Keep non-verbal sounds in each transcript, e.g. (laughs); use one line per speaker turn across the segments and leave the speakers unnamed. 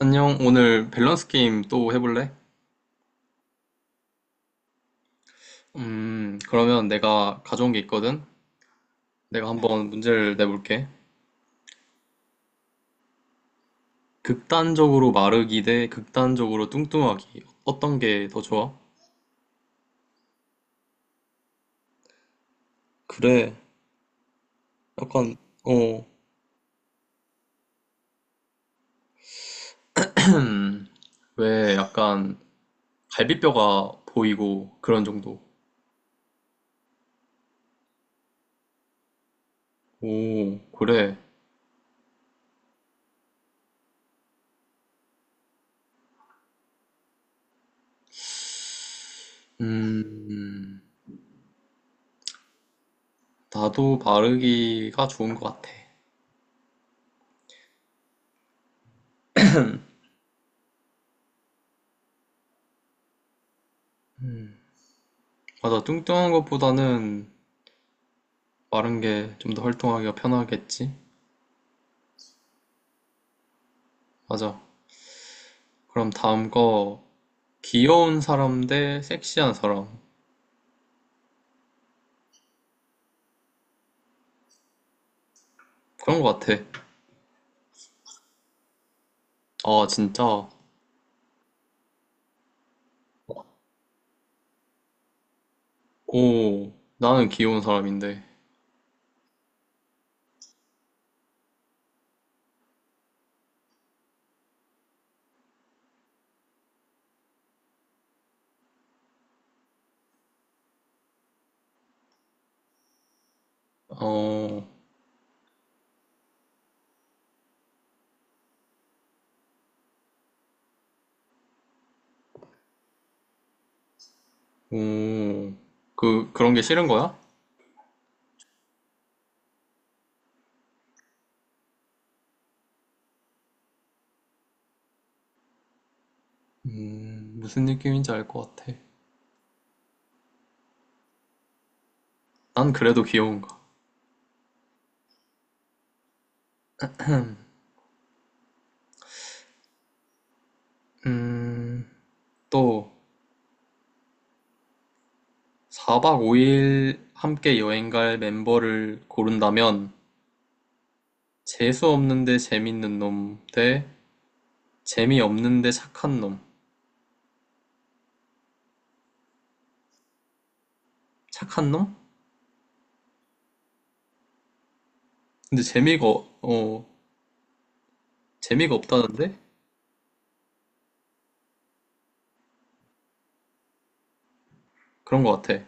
안녕, 오늘 밸런스 게임 또 해볼래? 그러면 내가 가져온 게 있거든? 내가 한번 문제를 내볼게. 극단적으로 마르기 대 극단적으로 뚱뚱하기. 어떤 게 더 좋아? 그래, 약간, 어. (clears throat) 왜 약간 갈비뼈가 보이고 그런 정도. 오, 그래. 음, 나도 마르기가 좋은 것 같아. 맞아, 뚱뚱한 것보다는 마른 게 좀 더 활동하기가 편하겠지? 맞아. 그럼 다음 거 귀여운 사람 대 섹시한 사람 그런 거 같아. 아 진짜. 오 나는 귀여운 사람인데. 어, 오, 그런 게 싫은 거야? 무슨 느낌인지 알 것 같아. 난 그래도 귀여운가. 음 또 4박 5일 함께 여행 갈 멤버를 고른다면 재수 없는데 재밌는 놈 대 재미없는데 착한 놈. 착한 놈? 근데 어 재미가 없다는데? 그런 것 같아.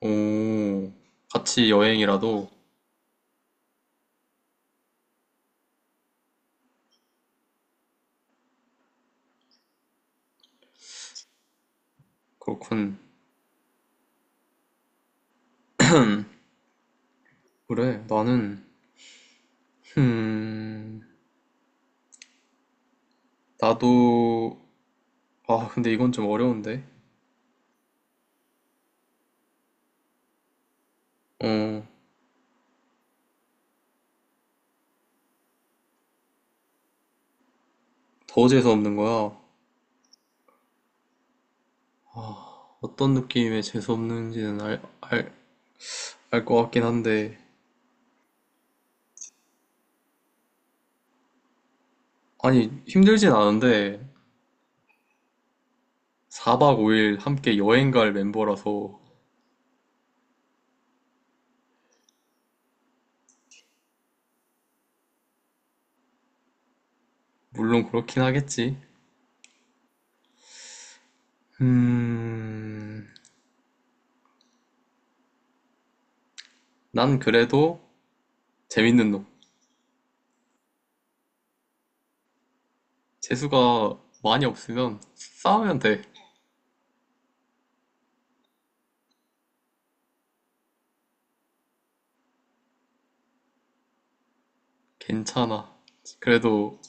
오, 같이 여행이라도 그렇군. 그래, 나는, 음, 나도, 근데 이건 좀 어려운데. 어, 더 재수 없는 거야. 아, 어떤 느낌의 재수 없는지는 알 것 같긴 한데. 아니, 힘들진 않은데 4박 5일 함께 여행 갈 멤버라서 물론 그렇긴 하겠지. 음, 난 그래도 재밌는 놈. 재수가 많이 없으면 싸우면 돼. 괜찮아. 그래도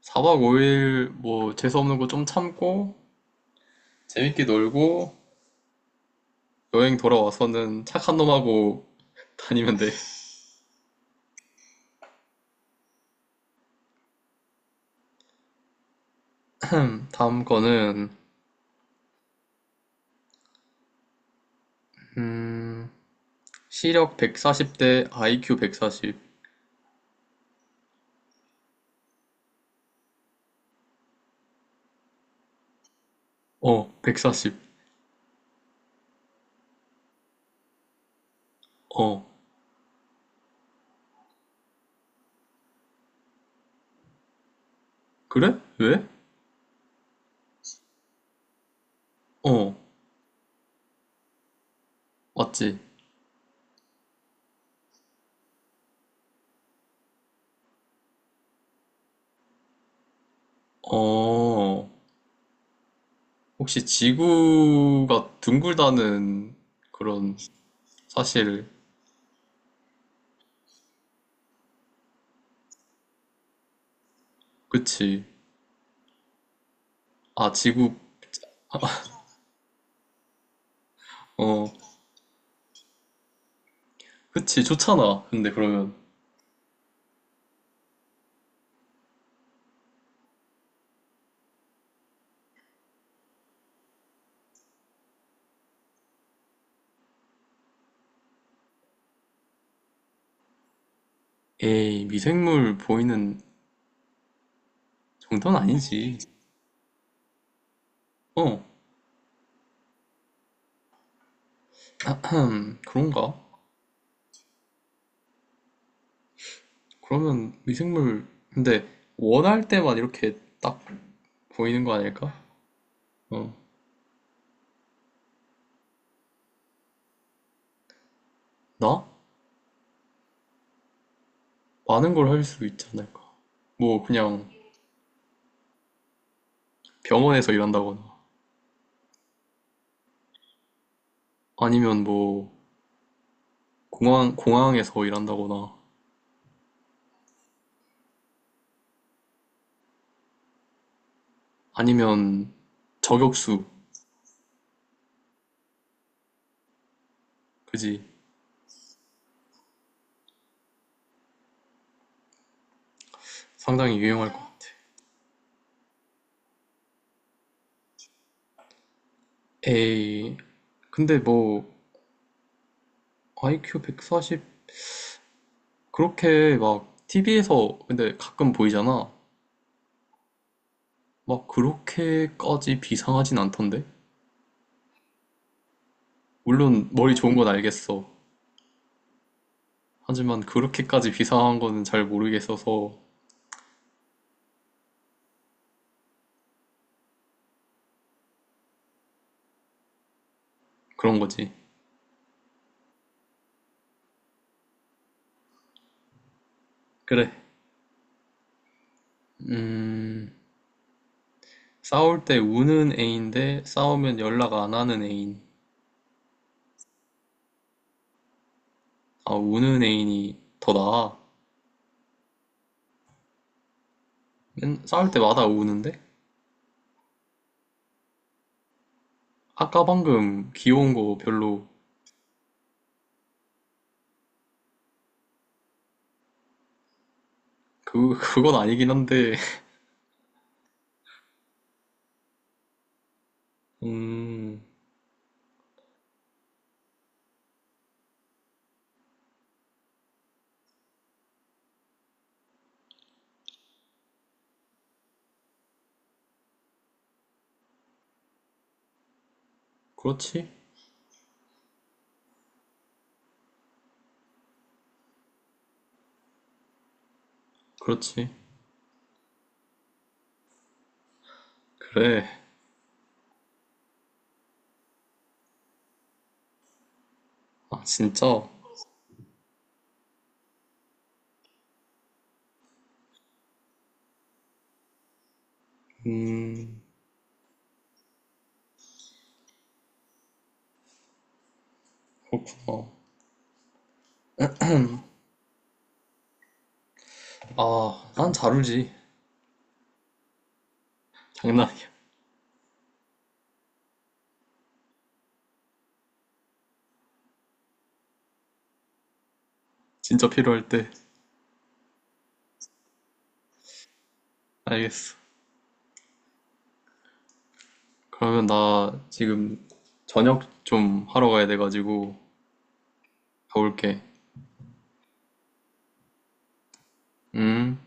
4박 5일 뭐 재수 없는 거 좀 참고 재밌게 놀고 여행 돌아와서는 착한 놈하고 (laughs) 다니면 돼. 다음 거는 음, 시력 140대 아이큐 140. 어, 140. 어, 그래? 왜? 어, 맞지? 어, 혹시 지구가 둥글다는 그런 사실, 그치? 아, 지구, 어, 그치, 좋잖아. 근데 그러면, 에이, 미생물 보이는 정도는 아니지. 어, (clears throat) 그런가? 그러면 미생물, 근데 원할 때만 이렇게 딱 보이는 거 아닐까? 어, 나? 많은 걸 할 수 있지 않을까? 뭐, 그냥 병원에서 일한다거나, 아니면 뭐, 공항에서 일한다거나, 아니면 저격수, 그지? 상당히 유용할 것 같아. 에이, 근데 뭐, IQ 140 그렇게 막 TV에서 근데 가끔 보이잖아. 막 그렇게까지 비상하진 않던데. 물론 머리 좋은 건 알겠어. 하지만 그렇게까지 비상한 거는 잘 모르겠어서 그런 거지. 그래. 음, 싸울 때 우는 애인데 싸우면 연락 안 하는 애인. 아, 우는 애인이 더 나아. 싸울 때마다 우는데? 아까 방금 귀여운 거 별로 그건 아니긴 한데. (laughs) 음, 그렇지. 그렇지. 그래. 아, 진짜. 음, 그렇구나. 아, 난 잘 울지. 장난이야. 진짜 필요할 때. 알겠어. 그러면 나 지금 저녁 좀 하러 가야 돼가지고 가볼게. 음.